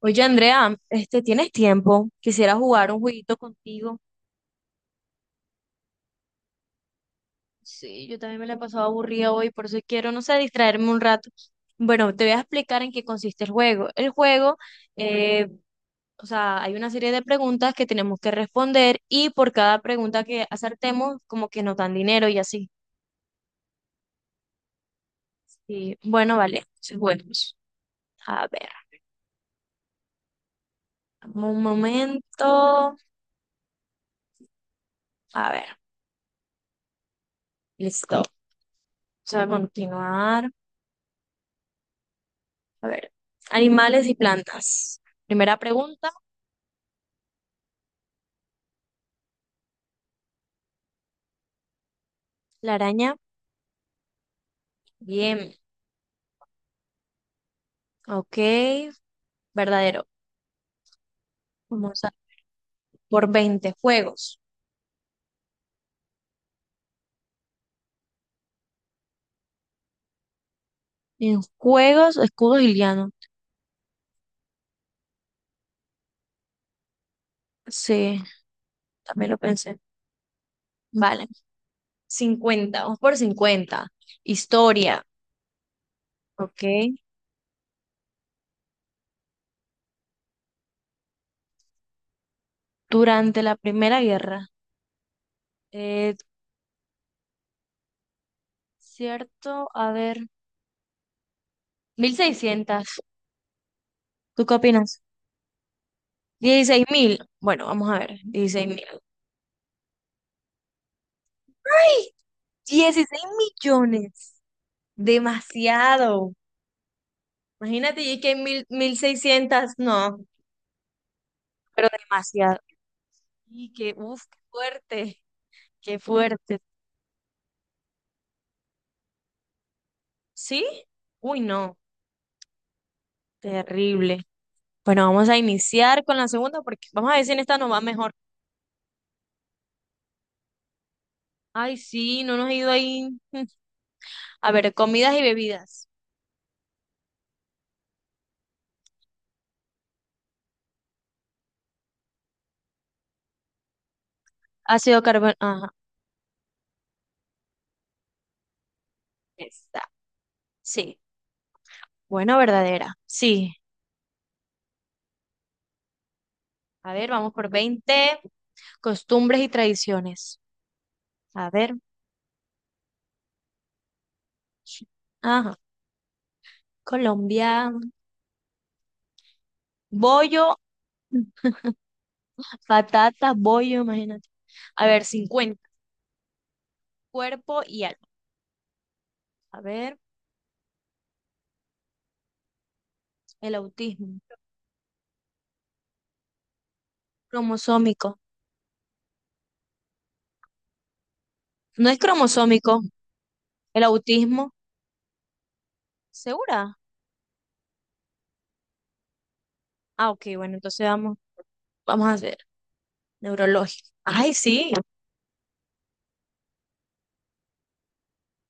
Oye, Andrea, este, ¿tienes tiempo? Quisiera jugar un jueguito contigo. Sí, yo también me la he pasado aburrida hoy, por eso quiero, no sé, distraerme un rato. Bueno, te voy a explicar en qué consiste el juego. El juego, eh, o sea, hay una serie de preguntas que tenemos que responder y por cada pregunta que acertemos, como que nos dan dinero y así. Y bueno, vale, sí, bueno. A ver, un momento. A ver, listo. Vamos a continuar. A ver, animales y plantas. Primera pregunta, la araña. Bien, ok, verdadero. Vamos a por 20 juegos. En juegos, escudos y lianos. Sí, también lo pensé. Vale, 50, vamos por 50. Historia, ok. Durante la Primera Guerra. Eh, cierto, a ver, 1600. ¿Tú qué opinas? 16.000. Bueno, vamos a ver, 16.000. 16 millones. Demasiado. Imagínate, y que mil seiscientas, no, pero demasiado. Y que, uff, qué fuerte, qué fuerte. ¿Sí? Uy, no, terrible. Bueno, vamos a iniciar con la segunda porque vamos a ver si en esta nos va mejor. Ay, sí, no nos ha ido ahí. A ver, comidas y bebidas. Ácido carbón. Ajá, está. Sí. Bueno, verdadera. Sí. A ver, vamos por 20. Costumbres y tradiciones. A ver. Ajá. Colombia. Bollo, patata, bollo, imagínate. A ver, 50. Cuerpo y alma. A ver, el autismo. Cromosómico. No es cromosómico. El autismo. ¿Segura? Ah, ok, bueno, entonces vamos a hacer neurológico. Ay, sí.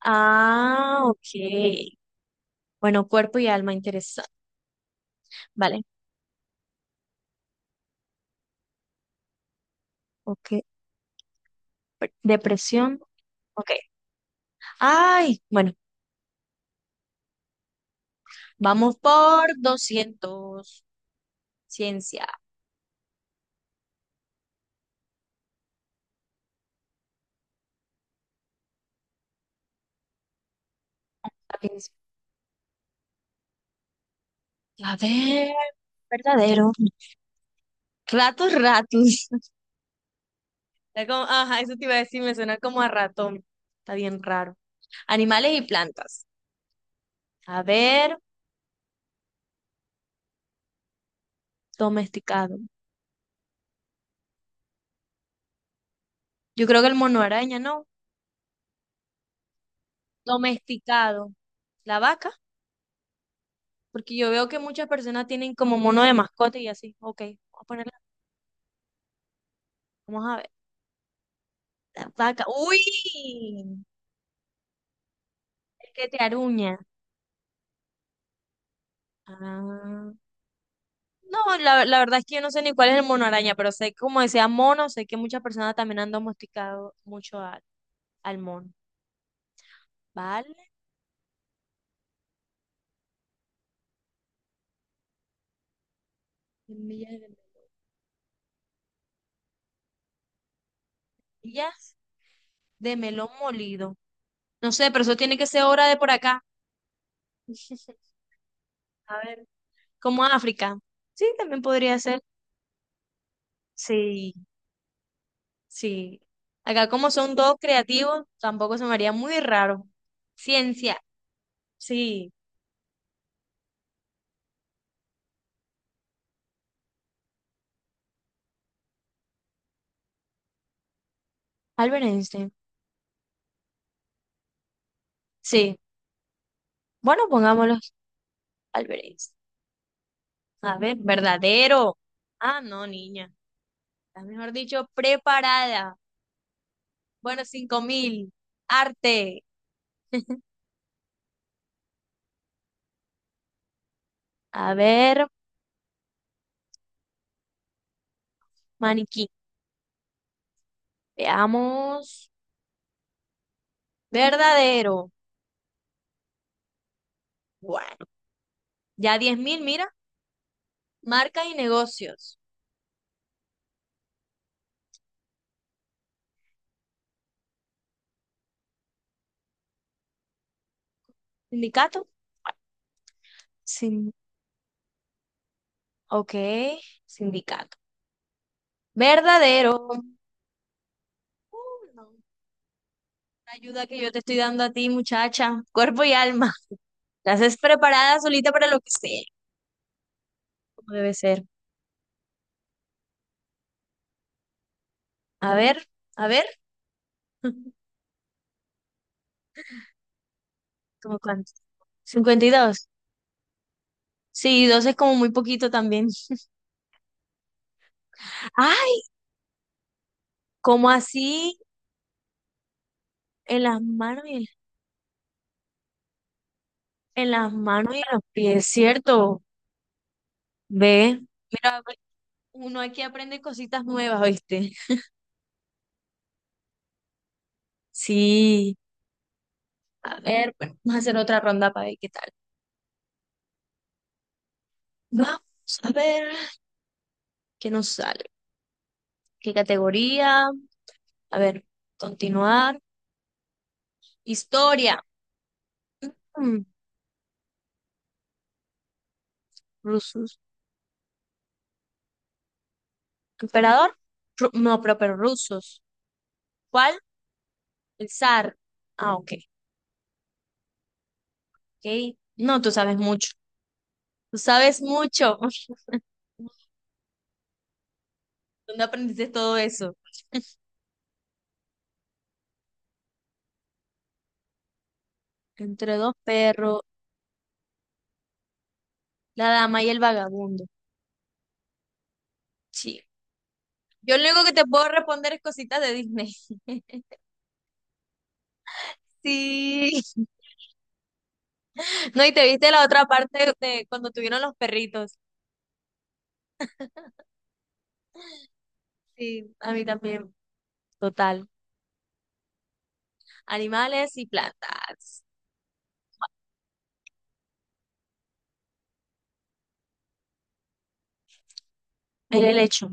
Ah, ok. Bueno, cuerpo y alma, interesante. Vale, ok. Depresión. Ok. Ay, bueno, vamos por 200. Ciencia. A ver, verdadero. Ratos, ratus. Está como ajá, eso te iba a decir, me suena como a ratón. Está bien raro. Animales y plantas. A ver, domesticado. Yo creo que el mono araña, ¿no? Domesticado. La vaca, porque yo veo que muchas personas tienen como mono de mascota y así. Ok, vamos a ponerla. Vamos a ver. La vaca. ¡Uy! El que te aruña. Ah. No, la verdad es que yo no sé ni cuál es el mono araña, pero sé, como decía mono, sé que muchas personas también han domesticado mucho al mono. ¿Vale? Semillas de semillas de melón molido. No sé, pero eso tiene que ser hora de por acá. A ver, como África. Sí, también podría ser. Sí, sí. Acá como son todos creativos, tampoco se me haría muy raro. Ciencia, sí. Albert Einstein, sí. Bueno, pongámoslos Albert Einstein. A ver, verdadero. Ah, no, niña. Estás, mejor dicho, preparada. Bueno, 5.000. Arte. A ver, maniquí. Veamos. Verdadero. Bueno, ya 10.000, mira. Marcas y negocios. ¿Sindicato? Sin, ok, sindicato. Verdadero. Uh, no. La ayuda que yo te estoy dando a ti, muchacha. Cuerpo y alma. La haces preparada solita para lo que sea. Como debe ser. A ver, a ver. ¿Cómo cuánto? 52. Sí, dos es como muy poquito también. Ay, ¿cómo así? En las manos y en las manos y en los pies, ¿cierto? Ve, mira, uno aquí aprende cositas nuevas, ¿oíste? Sí, a ver, bueno, vamos a hacer otra ronda para ver qué tal. Vamos a ver qué nos sale, qué categoría, a ver, continuar. Historia, mm, rusos. ¿Emperador? No, pero rusos. ¿Cuál? El zar. Ah, ok, ok. No, tú sabes mucho, tú sabes mucho. ¿Dónde aprendiste todo eso? Entre dos perros, la dama y el vagabundo. Sí. Yo lo único que te puedo responder es cositas de Disney. Sí, no, y te viste la otra parte de cuando tuvieron los perritos. Sí. A mí también, total. Animales y plantas. El hecho.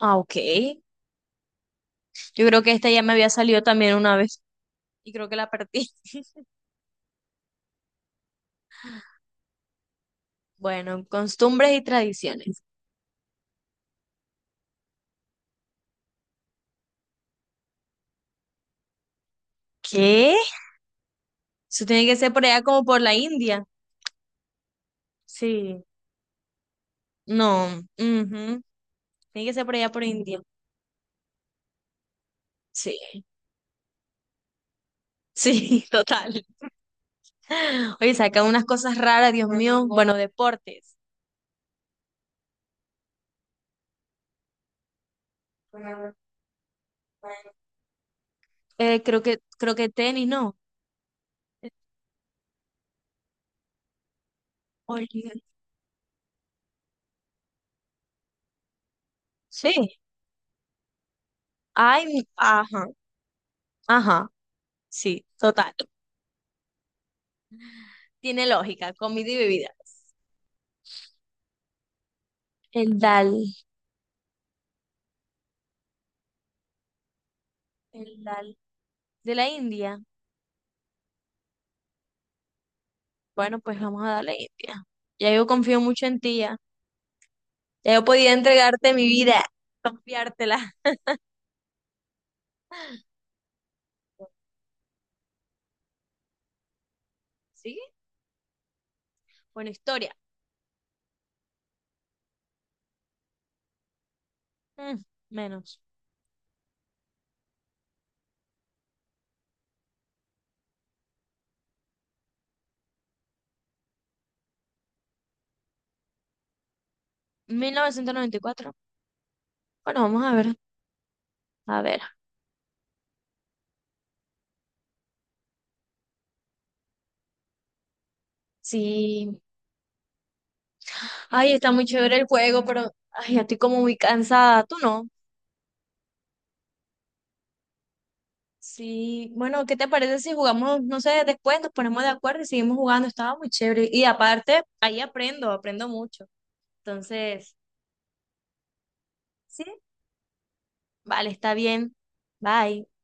Ah, ok. Yo creo que esta ya me había salido también una vez y creo que la perdí. Bueno, costumbres y tradiciones. ¿Qué? Eso tiene que ser por allá como por la India. Sí. No. Ujú. Tiene que ser por allá por India. Sí. Sí, total. Oye, sacan unas cosas raras, Dios mío. Bueno, deportes. Creo que tenis, ¿no? Oye, sí. Ay, ajá, ajá. Sí, total. Tiene lógica, comida y bebidas. El dal. El dal. De la India. Bueno, pues vamos a darle India. Ya yo confío mucho en ti, ya. Ya yo podía entregarte mi vida, confiártela. ¿Sí? Bueno, historia. Mm, menos. 1994. Bueno, vamos a ver. A ver. Sí. Ay, está muy chévere el juego, pero ay, ya estoy como muy cansada. ¿Tú no? Sí, bueno, ¿qué te parece si jugamos, no sé, después nos ponemos de acuerdo y seguimos jugando? Estaba muy chévere. Y aparte, ahí aprendo, aprendo mucho. Entonces, sí, vale, está bien. Bye.